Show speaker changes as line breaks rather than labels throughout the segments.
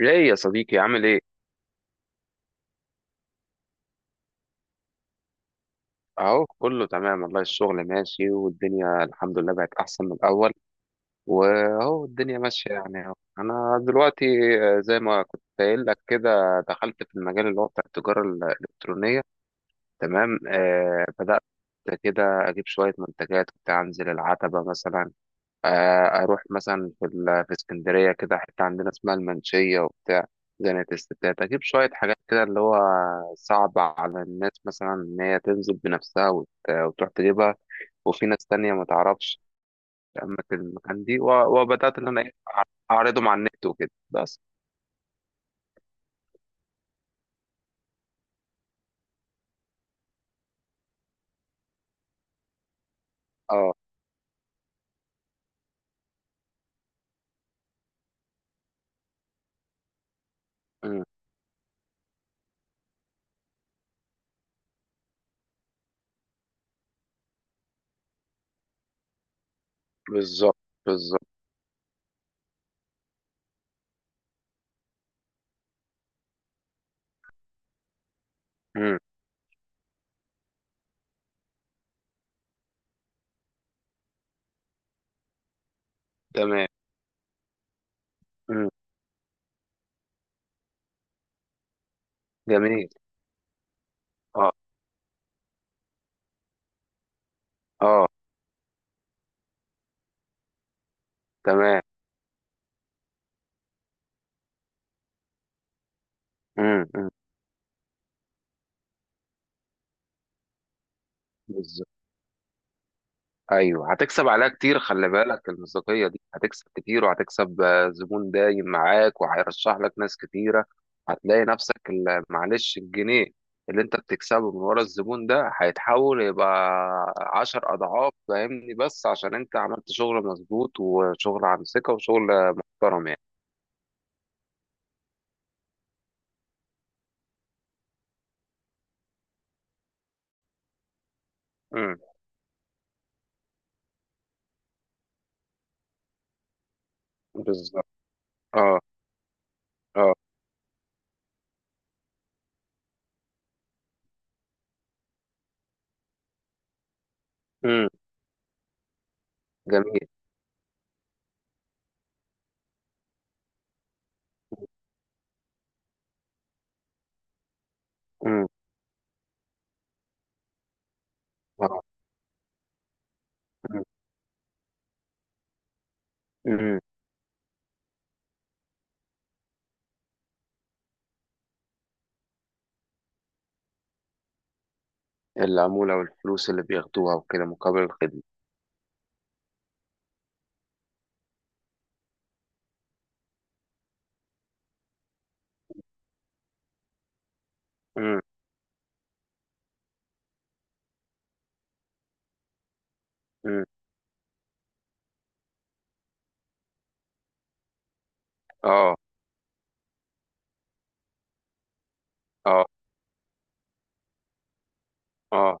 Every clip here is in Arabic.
ايه يا صديقي، عامل ايه؟ اهو كله تمام والله، الشغل ماشي والدنيا الحمد لله بقت احسن من الاول. واهو الدنيا ماشيه يعني اهو. انا دلوقتي، زي ما كنت قايل لك كده دخلت في المجال اللي هو بتاع التجاره الالكترونيه. تمام، بدات كده اجيب شويه منتجات، كنت انزل العتبه مثلا. اروح مثلا في في اسكندريه كده، حته عندنا اسمها المنشيه وبتاع زنقة الستات. اجيب شويه حاجات كده اللي هو صعب على الناس مثلا ان هي تنزل بنفسها وتروح تجيبها. وفي ناس تانية ما تعرفش اماكن المكان دي، وبدات ان انا اعرضه مع النت وكده بس. اه. أمم. بالظبط، بالظبط. أمم. تمام. أمم. جميل. اه. اه. تمام. أمم، أمم. بالظبط. ايوه، هتكسب عليها كتير، خلي بالك المصداقيه دي هتكسب كتير، وهتكسب زبون دايم معاك وهيرشح لك ناس كتيره. هتلاقي نفسك معلش، الجنيه اللي انت بتكسبه من ورا الزبون ده هيتحول يبقى 10 اضعاف، فاهمني؟ بس عشان انت عملت شغل مظبوط وشغل عن ثقه وشغل محترم يعني. امم. بالظبط. اه. اه. امم. جميل. امم. اه. امم. امم. العموله والفلوس اللي بياخدوها وكده، مقابل الخدمه. امم. امم. اه. اه. اه.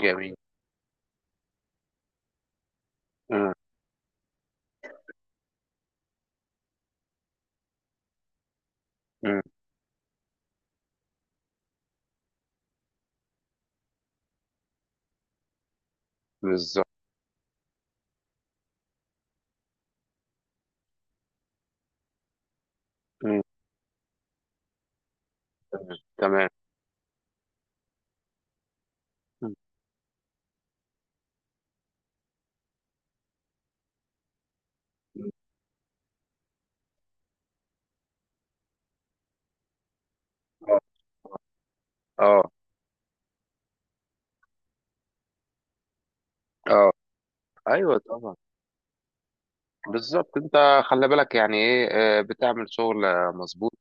جميل. مم، مم. بالظبط. مم، مم. تمام. مم، مم. اه. اه. اه. ايوه طبعا. بالظبط، انت خلي بالك يعني ايه، بتعمل شغل مظبوط،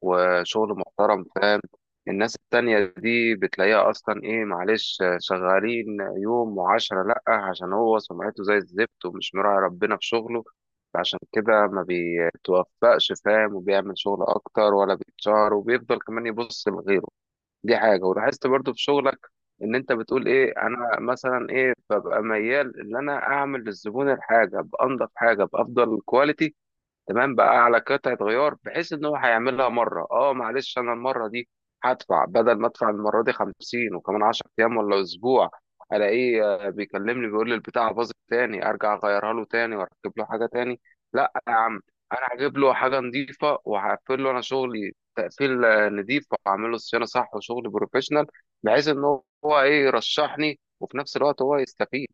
وشغل محترم، فاهم؟ الناس التانية دي بتلاقيها اصلا ايه؟ معلش، شغالين يوم وعشرة لأ، عشان هو سمعته زي الزفت ومش مراعي ربنا في شغله. عشان كده ما بيتوفقش، فاهم؟ وبيعمل شغل اكتر ولا بيتشهر، وبيفضل كمان يبص لغيره. دي حاجة، ولاحظت برضو في شغلك ان انت بتقول ايه: انا مثلا ايه، ببقى ميال ان انا اعمل للزبون الحاجة بانضف حاجة، بافضل كواليتي. تمام، بقى على قطعة غيار بحيث ان هو هيعملها مرة، اه معلش، انا المرة دي هدفع بدل ما ادفع المرة دي 50 وكمان 10 ايام ولا اسبوع الاقيه بيكلمني بيقول لي البتاعة باظت تاني، ارجع اغيرها له تاني واركب له حاجة تاني. لا يا عم، انا هجيب له حاجة نظيفة، وهقفل له انا شغلي تقفيل نضيف، واعمل له صيانة صح وشغل بروفيشنال، بحيث ان هو ايه يرشحني، وفي نفس الوقت هو يستفيد.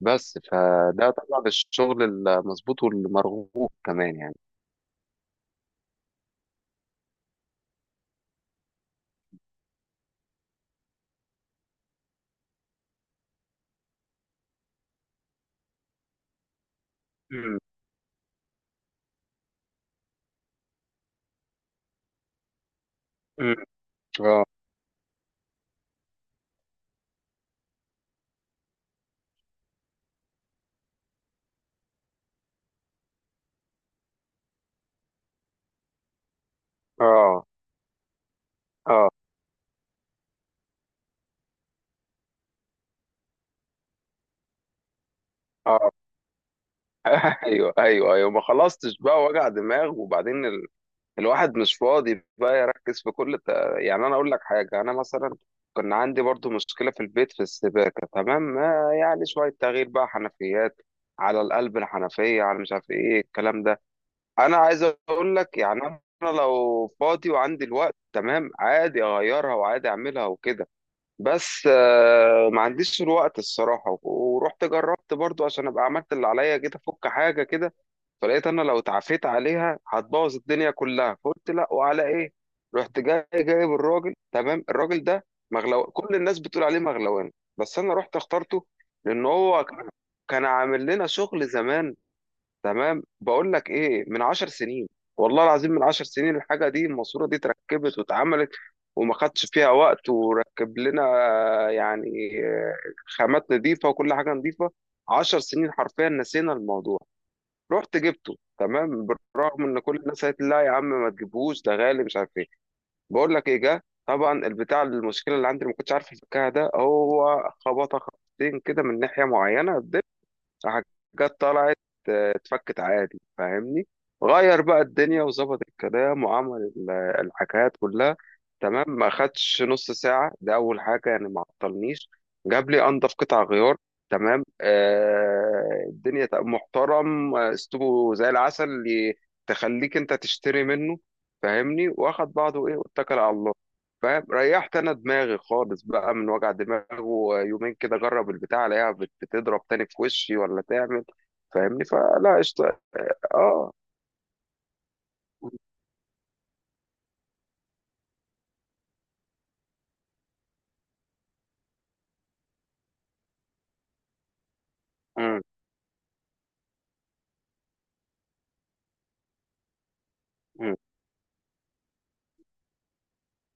بس فده طبعا الشغل المظبوط والمرغوب كمان يعني. امم. امم. اه. اه. اه. اه. ايوه، ايوه، ايوه، ما خلصتش بقى وجع دماغ، وبعدين الواحد مش فاضي بقى يركز في كل يعني انا اقول لك حاجه، انا مثلا كان عندي برضو مشكله في البيت في السباكه، تمام، ما يعني شويه تغيير بقى حنفيات على القلب، الحنفيه على مش عارف ايه الكلام ده. انا عايز اقول لك يعني، انا لو فاضي وعندي الوقت تمام، عادي اغيرها وعادي اعملها وكده. بس ما عنديش الوقت الصراحة، ورحت جربت برضو عشان أبقى عملت اللي عليا، جيت أفك حاجة كده. فلقيت أنا لو اتعافيت عليها هتبوظ الدنيا كلها، فقلت لا، وعلى إيه؟ رحت جاي جايب الراجل، تمام، الراجل ده مغلو، كل الناس بتقول عليه مغلوان، بس أنا رحت اخترته لأن هو كان عامل لنا شغل زمان. تمام، بقول لك ايه، من 10 سنين، والله العظيم، من 10 سنين الحاجه دي الماسوره دي اتركبت واتعملت، وما خدش فيها وقت، وركب لنا يعني آه، خامات نظيفه وكل حاجه نظيفه. 10 سنين حرفيا نسينا الموضوع. رحت جبته تمام، بالرغم ان كل الناس قالت لي لا يا عم ما تجيبهوش، ده غالي مش عارف ايه. بقول لك ايه، جه طبعا البتاع المشكله اللي عندي اللي ما كنتش عارف افكها ده، هو خبطه خبطتين كده من ناحيه معينه، حاجات طلعت اتفكت عادي، فاهمني؟ غير بقى الدنيا وظبط الكلام وعمل الحكايات كلها. تمام، ما خدش نص ساعة، ده أول حاجة يعني ما عطلنيش. جاب لي أنضف قطع غيار، تمام، الدنيا محترم، أسلوبه زي العسل اللي تخليك أنت تشتري منه، فاهمني؟ واخد بعضه إيه، واتكل على الله، فاهم؟ ريحت انا دماغي خالص بقى من وجع دماغه، ويومين كده اجرب البتاع الاقيها بتضرب تاني في وشي ولا تعمل، فاهمني؟ فلا، قشطه. اه. مم. مم.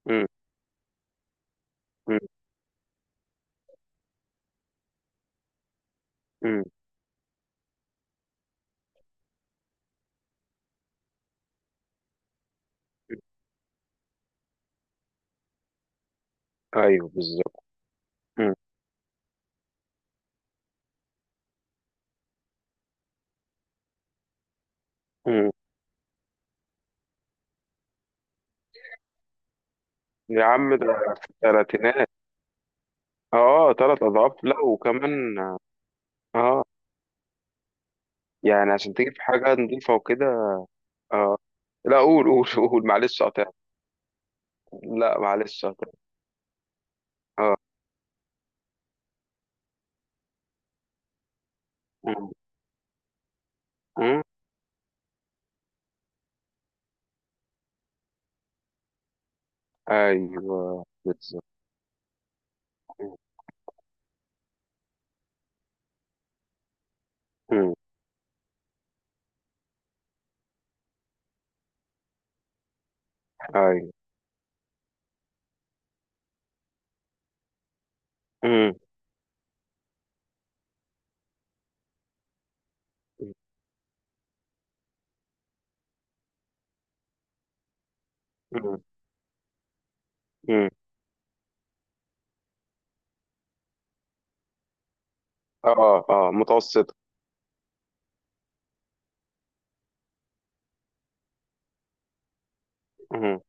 مم. مم. مم. ايوه، بالظبط. مم. مم. يا عم، ده في الثلاثينات. اه، 3 اضعاف، لا وكمان. اه. يعني عشان تجيب حاجه نظيفه وكده. اه. لا، قول، قول. قول معلش، قطع. لا معلش، قطع. اه. مم. مم. ايوه، بالظبط. ايوه. امم. امم. امم. إمم. اه. اه. متوسطة. امم.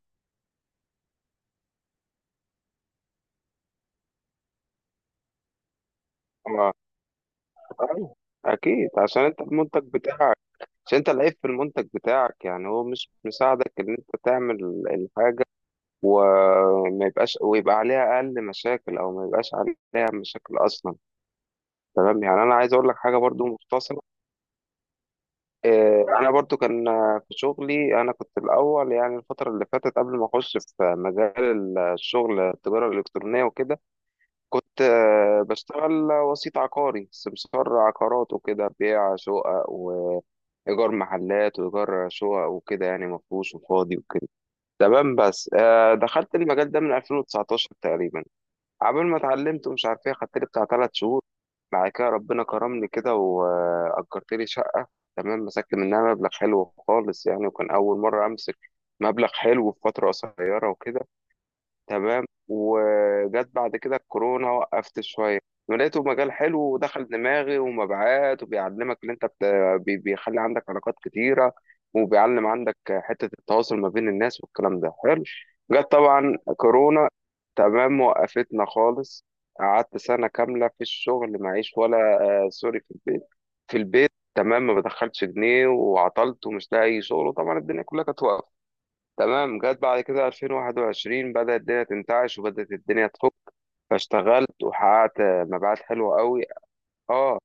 اه. أيوة. اكيد، عشان انت المنتج بتاعك، عشان انت العيب في المنتج بتاعك يعني، هو مش مساعدك ان انت تعمل الحاجة، وما يبقاش ويبقى عليها اقل مشاكل، او ما يبقاش عليها مشاكل اصلا. تمام، يعني انا عايز اقول لك حاجة برضو مختصرة. انا برضو كان في شغلي، انا كنت الاول يعني الفترة اللي فاتت قبل ما اخش في مجال الشغل التجارة الالكترونية وكده، كنت بشتغل وسيط عقاري، سمسار عقارات، وكده بيع شقق وإيجار محلات وإيجار شقق وكده يعني، مفروش وفاضي وكده. تمام، بس دخلت المجال ده من 2019 تقريبا، قبل ما اتعلمت ومش عارف ايه، خدت لي بتاع 3 شهور. بعد كده ربنا كرمني كده، وأجرت لي شقة. تمام، مسكت منها مبلغ حلو خالص يعني، وكان أول مرة أمسك مبلغ حلو في فترة قصيرة وكده. تمام، وجت بعد كده الكورونا، وقفت شوية. ولقيته مجال حلو ودخل دماغي، ومبيعات، وبيعلمك اللي انت بيخلي عندك علاقات كتيرة، وبيعلم عندك حتة التواصل ما بين الناس، والكلام ده حلو. جت طبعا كورونا، تمام، وقفتنا خالص. قعدت سنة كاملة في الشغل معيش ولا، آه سوري، في البيت. في البيت، تمام، ما بدخلش جنيه وعطلت ومش لاقي شغل، وطبعا الدنيا كلها كانت واقفة. تمام، جت بعد كده 2021 بدأت الدنيا تنتعش، وبدأت الدنيا تفك، فاشتغلت وحققت مبيعات حلوة قوي. اه،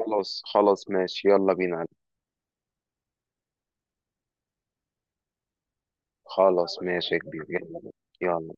خلاص، خلاص، ماشي، يلا بينا. خلاص، ماشي يا كبير، يلا. يلا.